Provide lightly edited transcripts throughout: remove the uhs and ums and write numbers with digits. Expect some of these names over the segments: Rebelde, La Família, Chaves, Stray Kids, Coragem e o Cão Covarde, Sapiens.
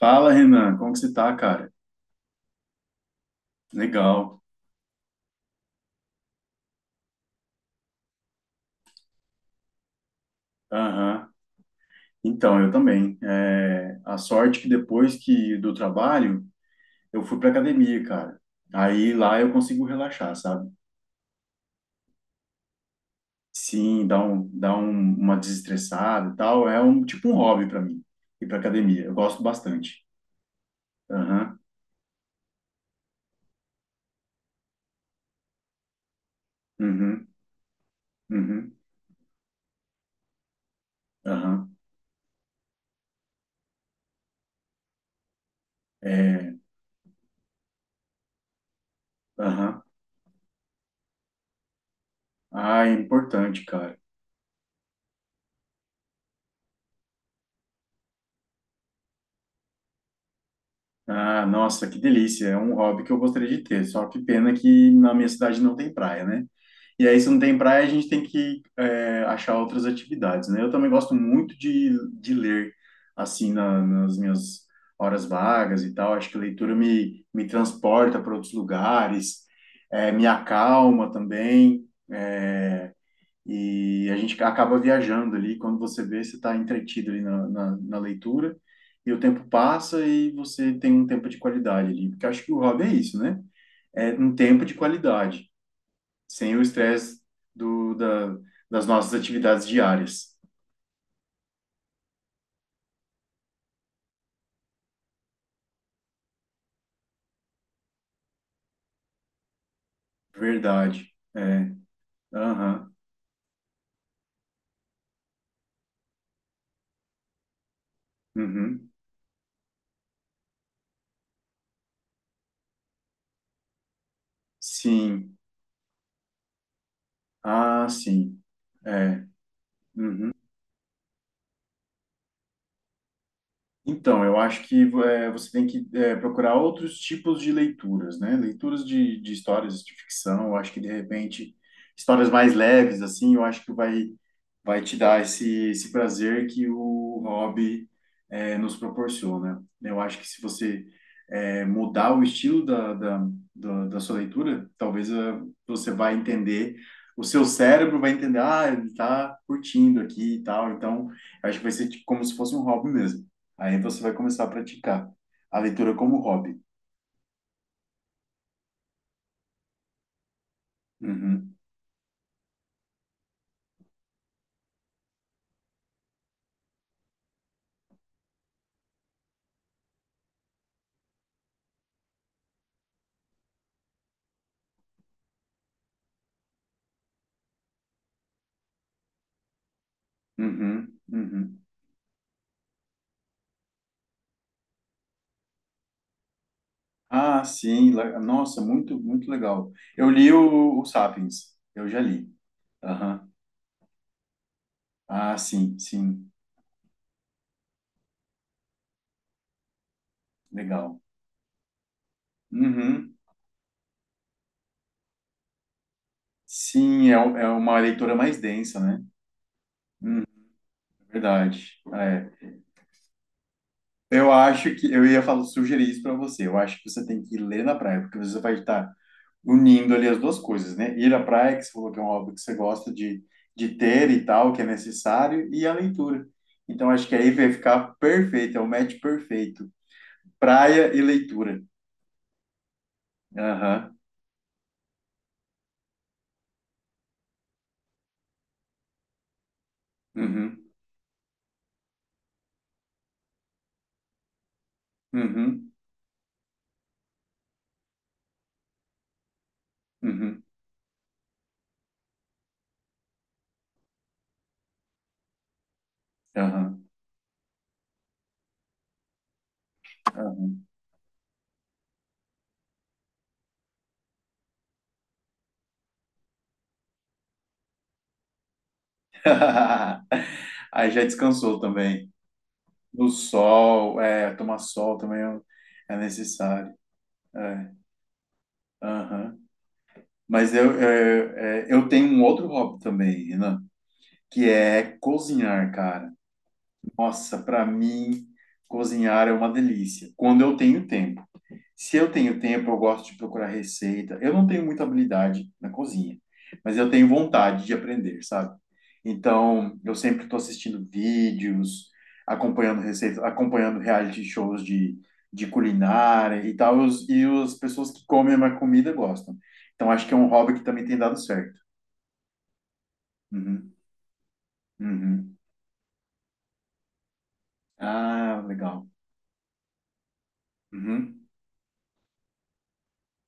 Fala, Renan, como que você tá, cara? Legal. Aham. Então, eu também. É, a sorte que depois que do trabalho, eu fui pra academia, cara. Aí lá eu consigo relaxar, sabe? Sim, uma desestressada e tal. É um tipo um hobby pra mim ir pra academia. Eu gosto bastante. Aham. Uhum. Uhum. Aham. É, aham. Ah, é importante, cara. Ah, nossa, que delícia. É um hobby que eu gostaria de ter. Só que pena que na minha cidade não tem praia, né? E aí, se não tem praia, a gente tem que achar outras atividades, né? Eu também gosto muito de ler, assim, nas minhas horas vagas e tal. Acho que a leitura me transporta para outros lugares, me acalma também. eh, e a gente acaba viajando ali, quando você vê, você está entretido ali na leitura, e o tempo passa e você tem um tempo de qualidade ali. Porque eu acho que o hobby é isso, né? É um tempo de qualidade, sem o estresse do, da, das nossas atividades diárias. Verdade. É. Aham. Uhum. Sim. Ah, sim. É. Uhum. Então, eu acho que você tem que procurar outros tipos de leituras, né? Leituras de histórias de ficção, eu acho que de repente histórias mais leves, assim, eu acho que vai te dar esse prazer que o hobby nos proporciona. Eu acho que se você mudar o estilo da sua leitura, talvez você vai entender, o seu cérebro vai entender, ah, ele está curtindo aqui e tal, então acho que vai ser tipo, como se fosse um hobby mesmo. Aí você vai começar a praticar a leitura como hobby. Uhum, uhum, uhum. Ah, sim. Nossa, muito, muito legal. Eu li o Sapiens. Eu já li. Aham. Ah, sim, sim. Legal. Uhum. Sim, é uma leitura mais densa, né? É verdade. É. Eu acho que eu ia falar, sugerir isso para você. Eu acho que você tem que ler na praia, porque você vai estar unindo ali as duas coisas, né? Ir à praia, que você falou que é um hobby que você gosta de ter e tal, que é necessário, e a leitura. Então, acho que aí vai ficar perfeito, é o match perfeito. Praia e leitura. Aham, uhum, uhum, uhum, aham. Aí já descansou também. No sol, tomar sol também é necessário. É, aham. Mas eu tenho um outro hobby também, Renan, que é cozinhar, cara. Nossa, para mim, cozinhar é uma delícia, quando eu tenho tempo. Se eu tenho tempo, eu gosto de procurar receita. Eu não tenho muita habilidade na cozinha, mas eu tenho vontade de aprender, sabe? Então, eu sempre estou assistindo vídeos, acompanhando receitas, acompanhando reality shows de culinária e tal, e as pessoas que comem a minha comida gostam. Então, acho que é um hobby que também tem dado certo. Uhum, uhum. Ah, legal. Uhum.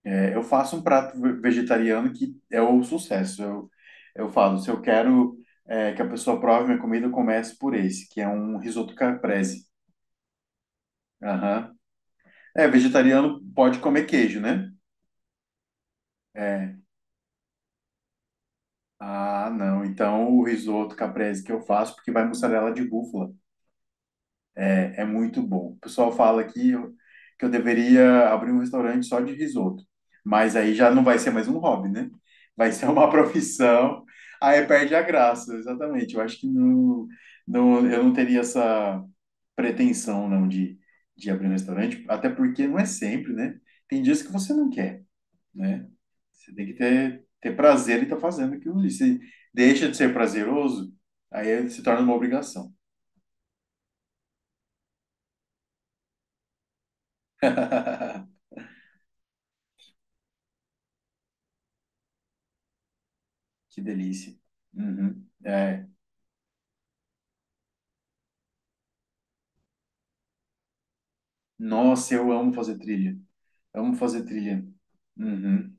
É, eu faço um prato vegetariano que é o sucesso. Eu falo, se eu quero que a pessoa prove minha comida, eu começo por esse, que é um risoto caprese. Aham. É, vegetariano pode comer queijo, né? É. Ah, não. Então o risoto caprese que eu faço, porque vai mussarela de búfala. É, é muito bom. O pessoal fala que eu deveria abrir um restaurante só de risoto, mas aí já não vai ser mais um hobby, né? Vai ser uma profissão, aí perde a graça, exatamente. Eu acho que não, não, eu não teria essa pretensão, não, de abrir um restaurante, até porque não é sempre, né? Tem dias que você não quer, né? Você tem que ter, prazer em estar fazendo aquilo ali. Se deixa de ser prazeroso, aí se torna uma obrigação. Que delícia. Uhum. É. Nossa, eu amo fazer trilha. Amo fazer trilha. Uhum.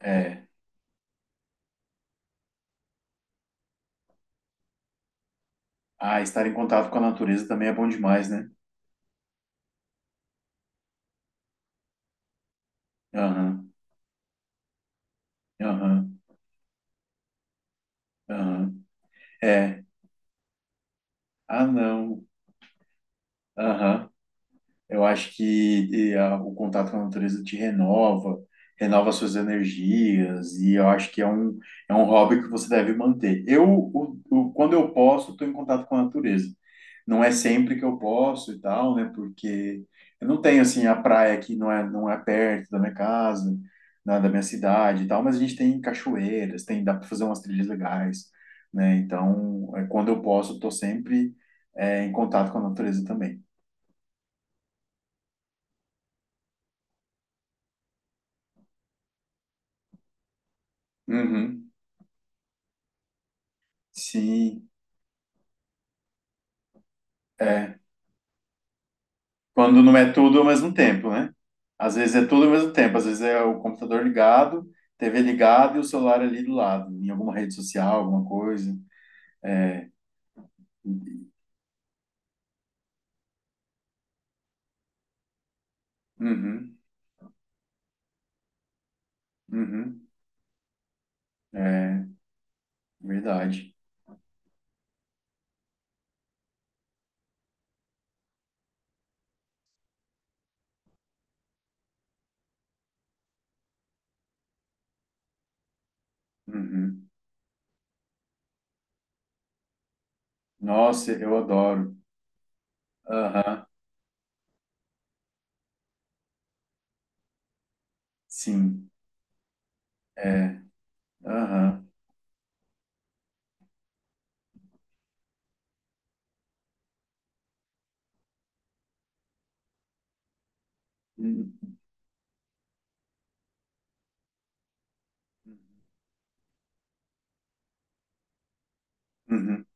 É. Ah, estar em contato com a natureza também é bom demais, né? Aham, aham, aham. É. Ah, não. Aham. Eu acho que o contato com a natureza te renova, renova suas energias, e eu acho que é um hobby que você deve manter. Quando eu posso, estou em contato com a natureza. Não é sempre que eu posso e tal, né? Porque eu não tenho, assim, a praia aqui não é perto da minha casa, da minha cidade e tal, mas a gente tem cachoeiras, dá para fazer umas trilhas legais, né? Então, quando eu posso, estou sempre, em contato com a natureza também. Uhum. Sim, é. Quando não é tudo ao mesmo tempo, né? Às vezes é tudo ao mesmo tempo, às vezes é o computador ligado, TV ligada e o celular ali do lado, em alguma rede social, alguma coisa. Uhum, uhum, é verdade. Uhum. Nossa, eu adoro. Aham, sim, é. Aham. Uhum. Uhum.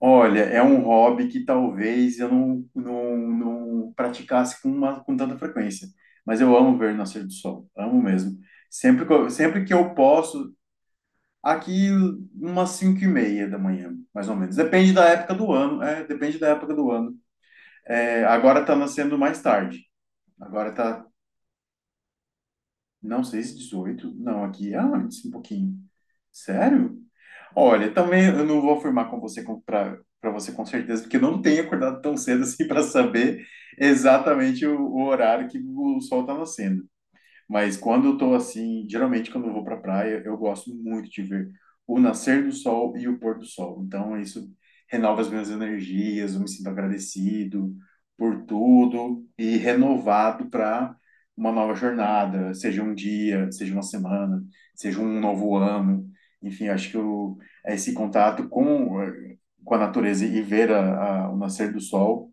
Olha, é um hobby que talvez eu não, não, não praticasse com tanta frequência, mas eu amo ver o nascer do sol, amo mesmo. Sempre que eu posso, aqui umas 5h30 da manhã, mais ou menos. Depende da época do ano, depende da época do ano. É, agora está nascendo mais tarde. Agora está Não sei se 18. Não, aqui é antes, um pouquinho. Sério? Olha, também eu não vou afirmar com você para você com certeza, porque eu não tenho acordado tão cedo assim para saber exatamente o horário que o sol está nascendo. Mas quando eu tô assim, geralmente quando eu vou pra praia, eu gosto muito de ver o nascer do sol e o pôr do sol. Então isso renova as minhas energias, eu me sinto agradecido por tudo e renovado para uma nova jornada, seja um dia, seja uma semana, seja um novo ano. Enfim, acho que esse contato com a natureza e ver o nascer do sol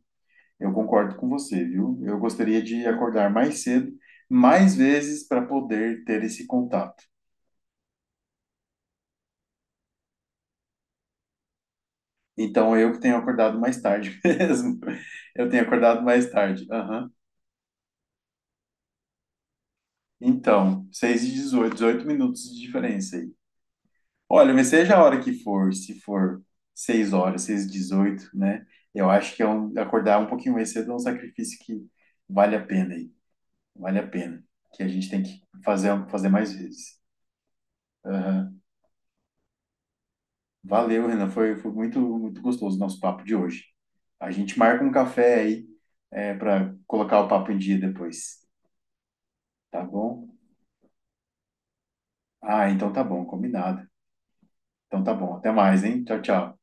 eu concordo com você, viu? Eu gostaria de acordar mais cedo, mais vezes, para poder ter esse contato. Então, eu que tenho acordado mais tarde mesmo. Eu tenho acordado mais tarde. Aham. Então, 6h18, 18 minutos de diferença aí. Olha, mas seja a hora que for, se for 6 horas, seis e 18, né? Eu acho que acordar um pouquinho mais cedo é um sacrifício que vale a pena aí. Vale a pena. Que a gente tem que fazer mais vezes. Aham. Valeu, Renan. Foi muito, muito gostoso o nosso papo de hoje. A gente marca um café aí, para colocar o papo em dia depois, tá bom? Ah, então tá bom, combinado. Então tá bom. Até mais, hein? Tchau, tchau.